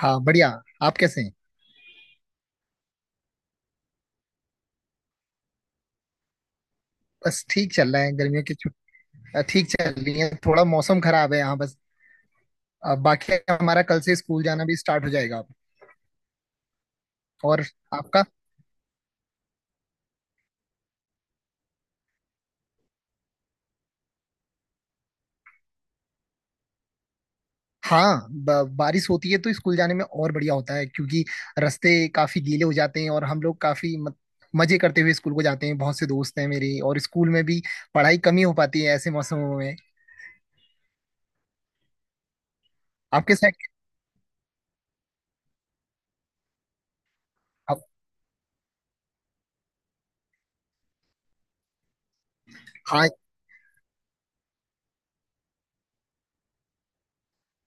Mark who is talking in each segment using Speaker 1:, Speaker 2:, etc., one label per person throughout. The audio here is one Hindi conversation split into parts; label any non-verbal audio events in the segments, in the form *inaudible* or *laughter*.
Speaker 1: हाँ, बढ़िया। आप कैसे हैं? बस ठीक चल रहा है। गर्मियों की छुट्टी ठीक चल रही है, थोड़ा मौसम खराब है यहाँ बस। बाकी हमारा कल से स्कूल जाना भी स्टार्ट हो जाएगा अब। और आपका? हाँ, बारिश होती है तो स्कूल जाने में और बढ़िया होता है, क्योंकि रास्ते काफी गीले हो जाते हैं और हम लोग काफी मत, मजे करते हुए स्कूल को जाते हैं। बहुत से दोस्त हैं मेरे, और स्कूल में भी पढ़ाई कम ही हो पाती है ऐसे मौसमों में। आपके साइड आप, हाँ,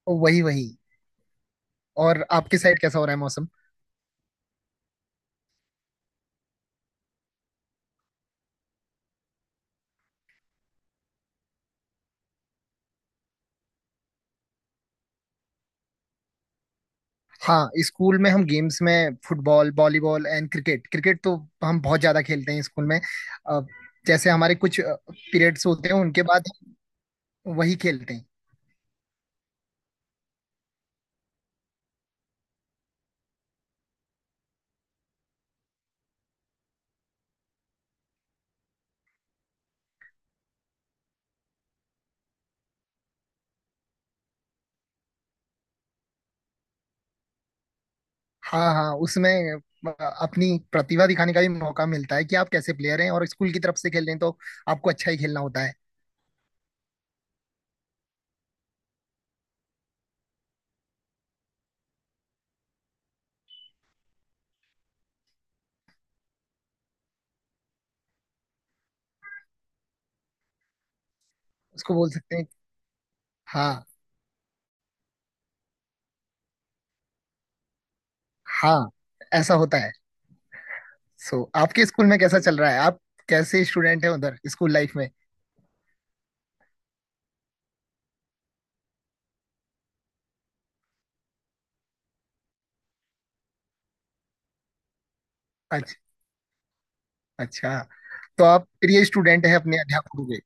Speaker 1: वही वही। और आपके साइड कैसा हो रहा है मौसम? हाँ, स्कूल में हम गेम्स में football, volleyball and cricket, cricket तो हम बहुत ज्यादा खेलते हैं स्कूल में। अ, जैसे हमारे कुछ पीरियड्स होते हैं, उनके बाद हम वही खेलते हैं। हाँ, हाँ, उसमें अ, अपनी प्रतिभा दिखाने का भी मौका मिलता है कि आप कैसे प्लेयर हैं, और स्कूल की तरफ से खेल रहे हैं तो आपको अच्छा ही खेलना होता है। उसको बोल सकते हैं। हाँ। हाँ, ऐसा होता है। सो आपके स्कूल में कैसा चल रहा है? आप कैसे स्टूडेंट हैं उधर स्कूल लाइफ में? अच्छा। अच्छा। तो आप प्रिय स्टूडेंट हैं अपने अध्यापकों के?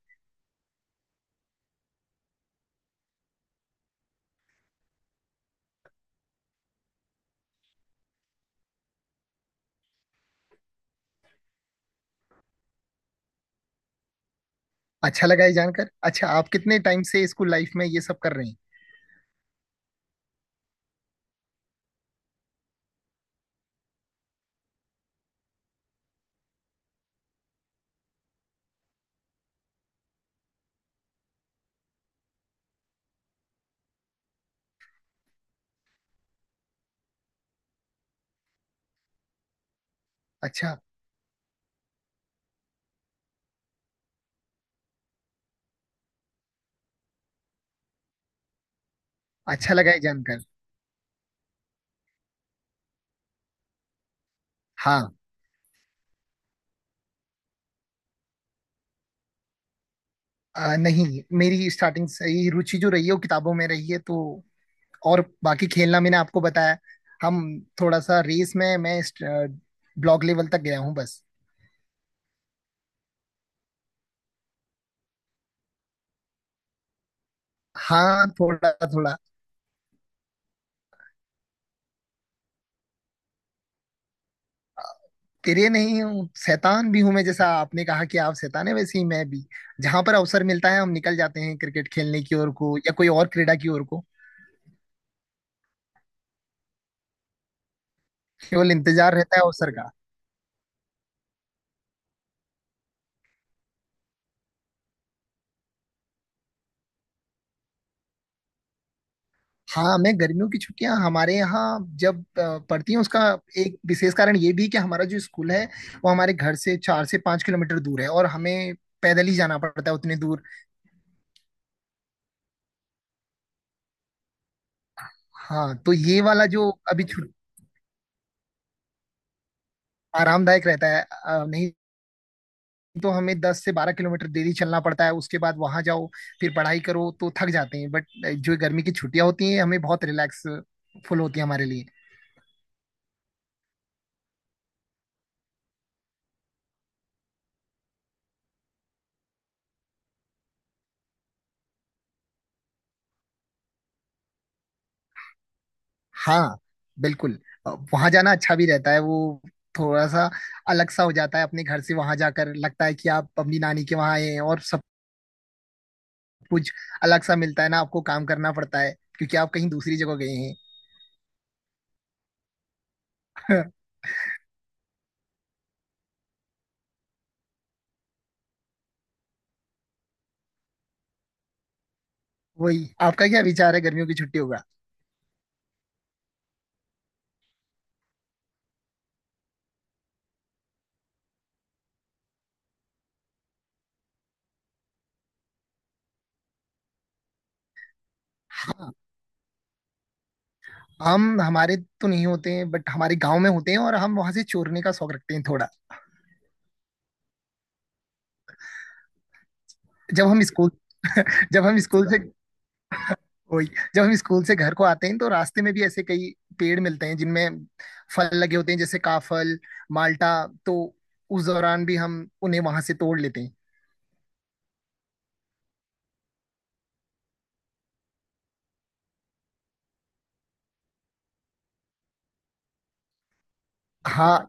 Speaker 1: अच्छा लगा ये जानकर। अच्छा, आप कितने टाइम से स्कूल लाइफ में ये सब कर रहे हैं? अच्छा। अच्छा लगा ये जानकर। हाँ, नहीं, मेरी स्टार्टिंग से ही रुचि जो रही है वो किताबों में रही है तो। और बाकी खेलना, मैंने आपको बताया, हम थोड़ा सा रेस में मैं ब्लॉक लेवल तक गया हूँ बस। हाँ, थोड़ा थोड़ा। तेरे नहीं हूँ, शैतान भी हूं मैं। जैसा आपने कहा कि आप शैतान है, वैसे ही मैं भी। जहां पर अवसर मिलता है हम निकल जाते हैं क्रिकेट खेलने की ओर को या कोई और क्रीडा की ओर को। केवल इंतजार रहता है अवसर का। हाँ, मैं गर्मियों की छुट्टियां हमारे यहाँ जब पड़ती हैं, उसका एक विशेष कारण ये भी है कि हमारा जो स्कूल है वो हमारे घर से 4 से 5 किलोमीटर दूर है, और हमें पैदल ही जाना पड़ता है उतने दूर। हाँ, तो ये वाला जो अभी आरामदायक रहता है। नहीं तो हमें 10 से 12 किलोमीटर डेली चलना पड़ता है। उसके बाद वहां जाओ फिर पढ़ाई करो, तो थक जाते हैं बट जो गर्मी की छुट्टियां होती हैं, हमें बहुत रिलैक्स फुल होती है हमारे लिए। हाँ, बिल्कुल। वहां जाना अच्छा भी रहता है। वो थोड़ा सा अलग सा हो जाता है अपने घर से। वहां जाकर लगता है कि आप अपनी नानी के वहां आए हैं, और सब कुछ अलग सा मिलता है ना। आपको काम करना पड़ता है क्योंकि आप कहीं दूसरी जगह गए हैं। *laughs* वही। आपका क्या विचार है गर्मियों की छुट्टियों का? हाँ। हम हमारे तो नहीं होते हैं, बट हमारे गांव में होते हैं, और हम वहां से चोरने का शौक रखते हैं थोड़ा। जब हम स्कूल *laughs* जब हम स्कूल से, वही, जब हम स्कूल से घर को आते हैं तो रास्ते में भी ऐसे कई पेड़ मिलते हैं जिनमें फल लगे होते हैं, जैसे काफल, माल्टा। तो उस दौरान भी हम उन्हें वहां से तोड़ लेते हैं। हाँ,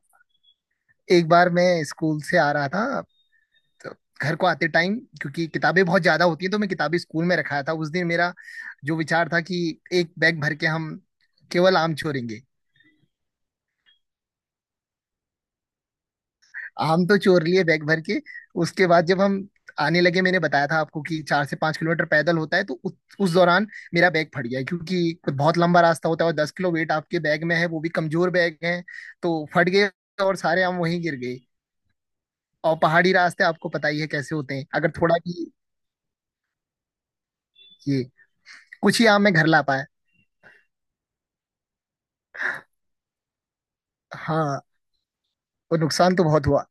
Speaker 1: एक बार मैं स्कूल से आ रहा था। तो घर को आते टाइम, क्योंकि किताबें बहुत ज्यादा होती हैं, तो मैं किताबें स्कूल में रखाया था उस दिन। मेरा जो विचार था कि एक बैग भर के हम केवल आम छोड़ेंगे। हम तो चोर लिए बैग भर के। उसके बाद जब हम आने लगे, मैंने बताया था आपको कि 4 से 5 किलोमीटर पैदल होता है, तो उस दौरान मेरा बैग फट गया, क्योंकि बहुत लंबा रास्ता होता है और 10 किलो वेट आपके बैग में है, वो भी कमजोर बैग है, तो फट गए। और सारे आम वहीं गिर गए। और पहाड़ी रास्ते आपको पता ही है कैसे होते हैं, अगर थोड़ा भी ये, कुछ ही आम मैं घर ला पाया। हाँ, और नुकसान तो बहुत हुआ,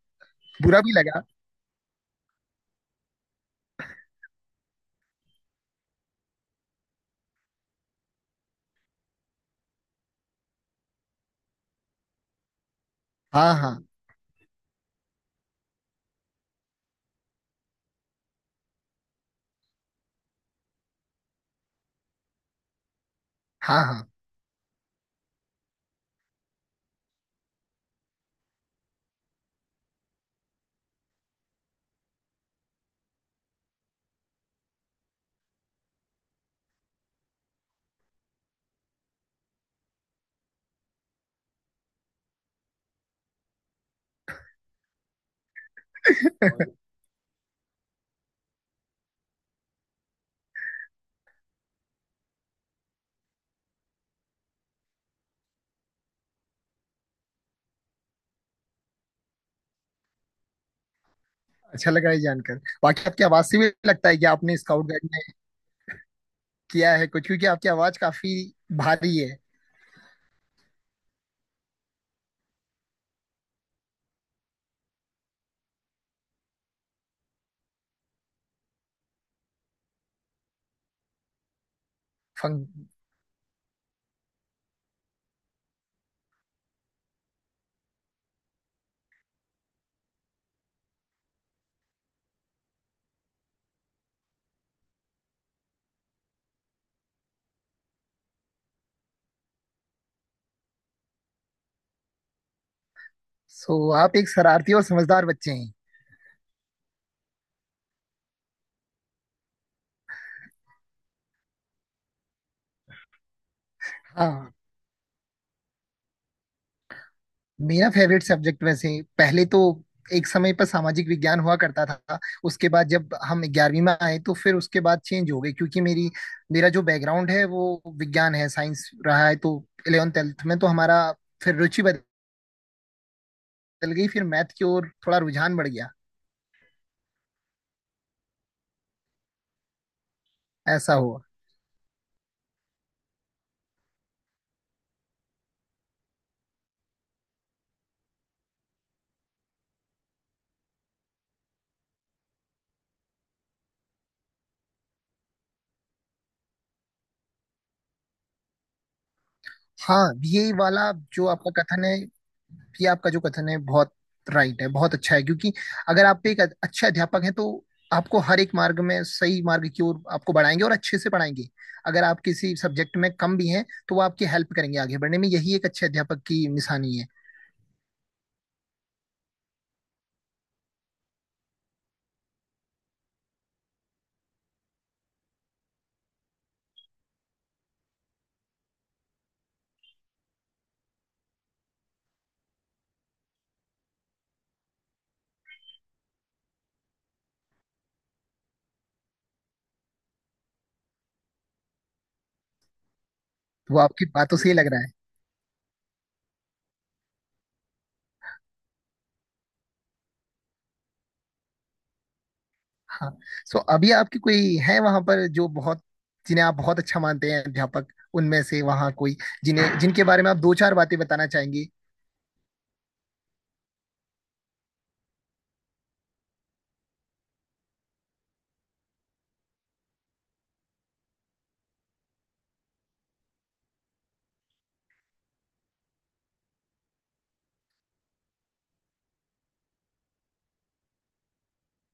Speaker 1: बुरा भी लगा। हाँ, हाँ, हाँ, हाँ। अच्छा लगा ये जानकर। बाकी आपकी आवाज से भी लगता है कि आपने स्काउट गाइड किया है कुछ, क्योंकि आपकी आवाज काफी भारी है। फंक। सो आप एक शरारती और समझदार बच्चे हैं। हाँ, मेरा फेवरेट सब्जेक्ट में से पहले तो एक समय पर सामाजिक विज्ञान हुआ करता था। उसके बाद जब हम 11वीं में आए तो फिर उसके बाद चेंज हो गए, क्योंकि मेरी मेरा जो बैकग्राउंड है वो विज्ञान है, साइंस रहा है, तो 11 12 में तो हमारा फिर रुचि बदल गई, फिर मैथ की ओर थोड़ा रुझान बढ़ गया। ऐसा हुआ। हाँ, ये वाला जो आपका कथन है, ये आपका जो कथन है बहुत राइट है, बहुत अच्छा है। क्योंकि अगर आप एक अच्छे अध्यापक हैं तो आपको हर एक मार्ग में सही मार्ग की ओर आपको बढ़ाएंगे और अच्छे से पढ़ाएंगे। अगर आप किसी सब्जेक्ट में कम भी हैं तो वो आपकी हेल्प करेंगे आगे बढ़ने में। यही एक अच्छे अध्यापक की निशानी है। वो आपकी बातों से ही लग रहा है। हाँ। सो अभी आपकी कोई है वहां पर जो बहुत, जिन्हें आप बहुत अच्छा मानते हैं अध्यापक उनमें से, वहाँ कोई जिन्हें जिनके बारे में आप दो चार बातें बताना चाहेंगे?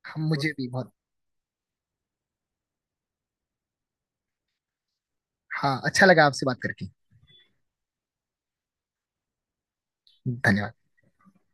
Speaker 1: हम, मुझे भी बहुत। हाँ, अच्छा लगा आपसे बात करके। धन्यवाद।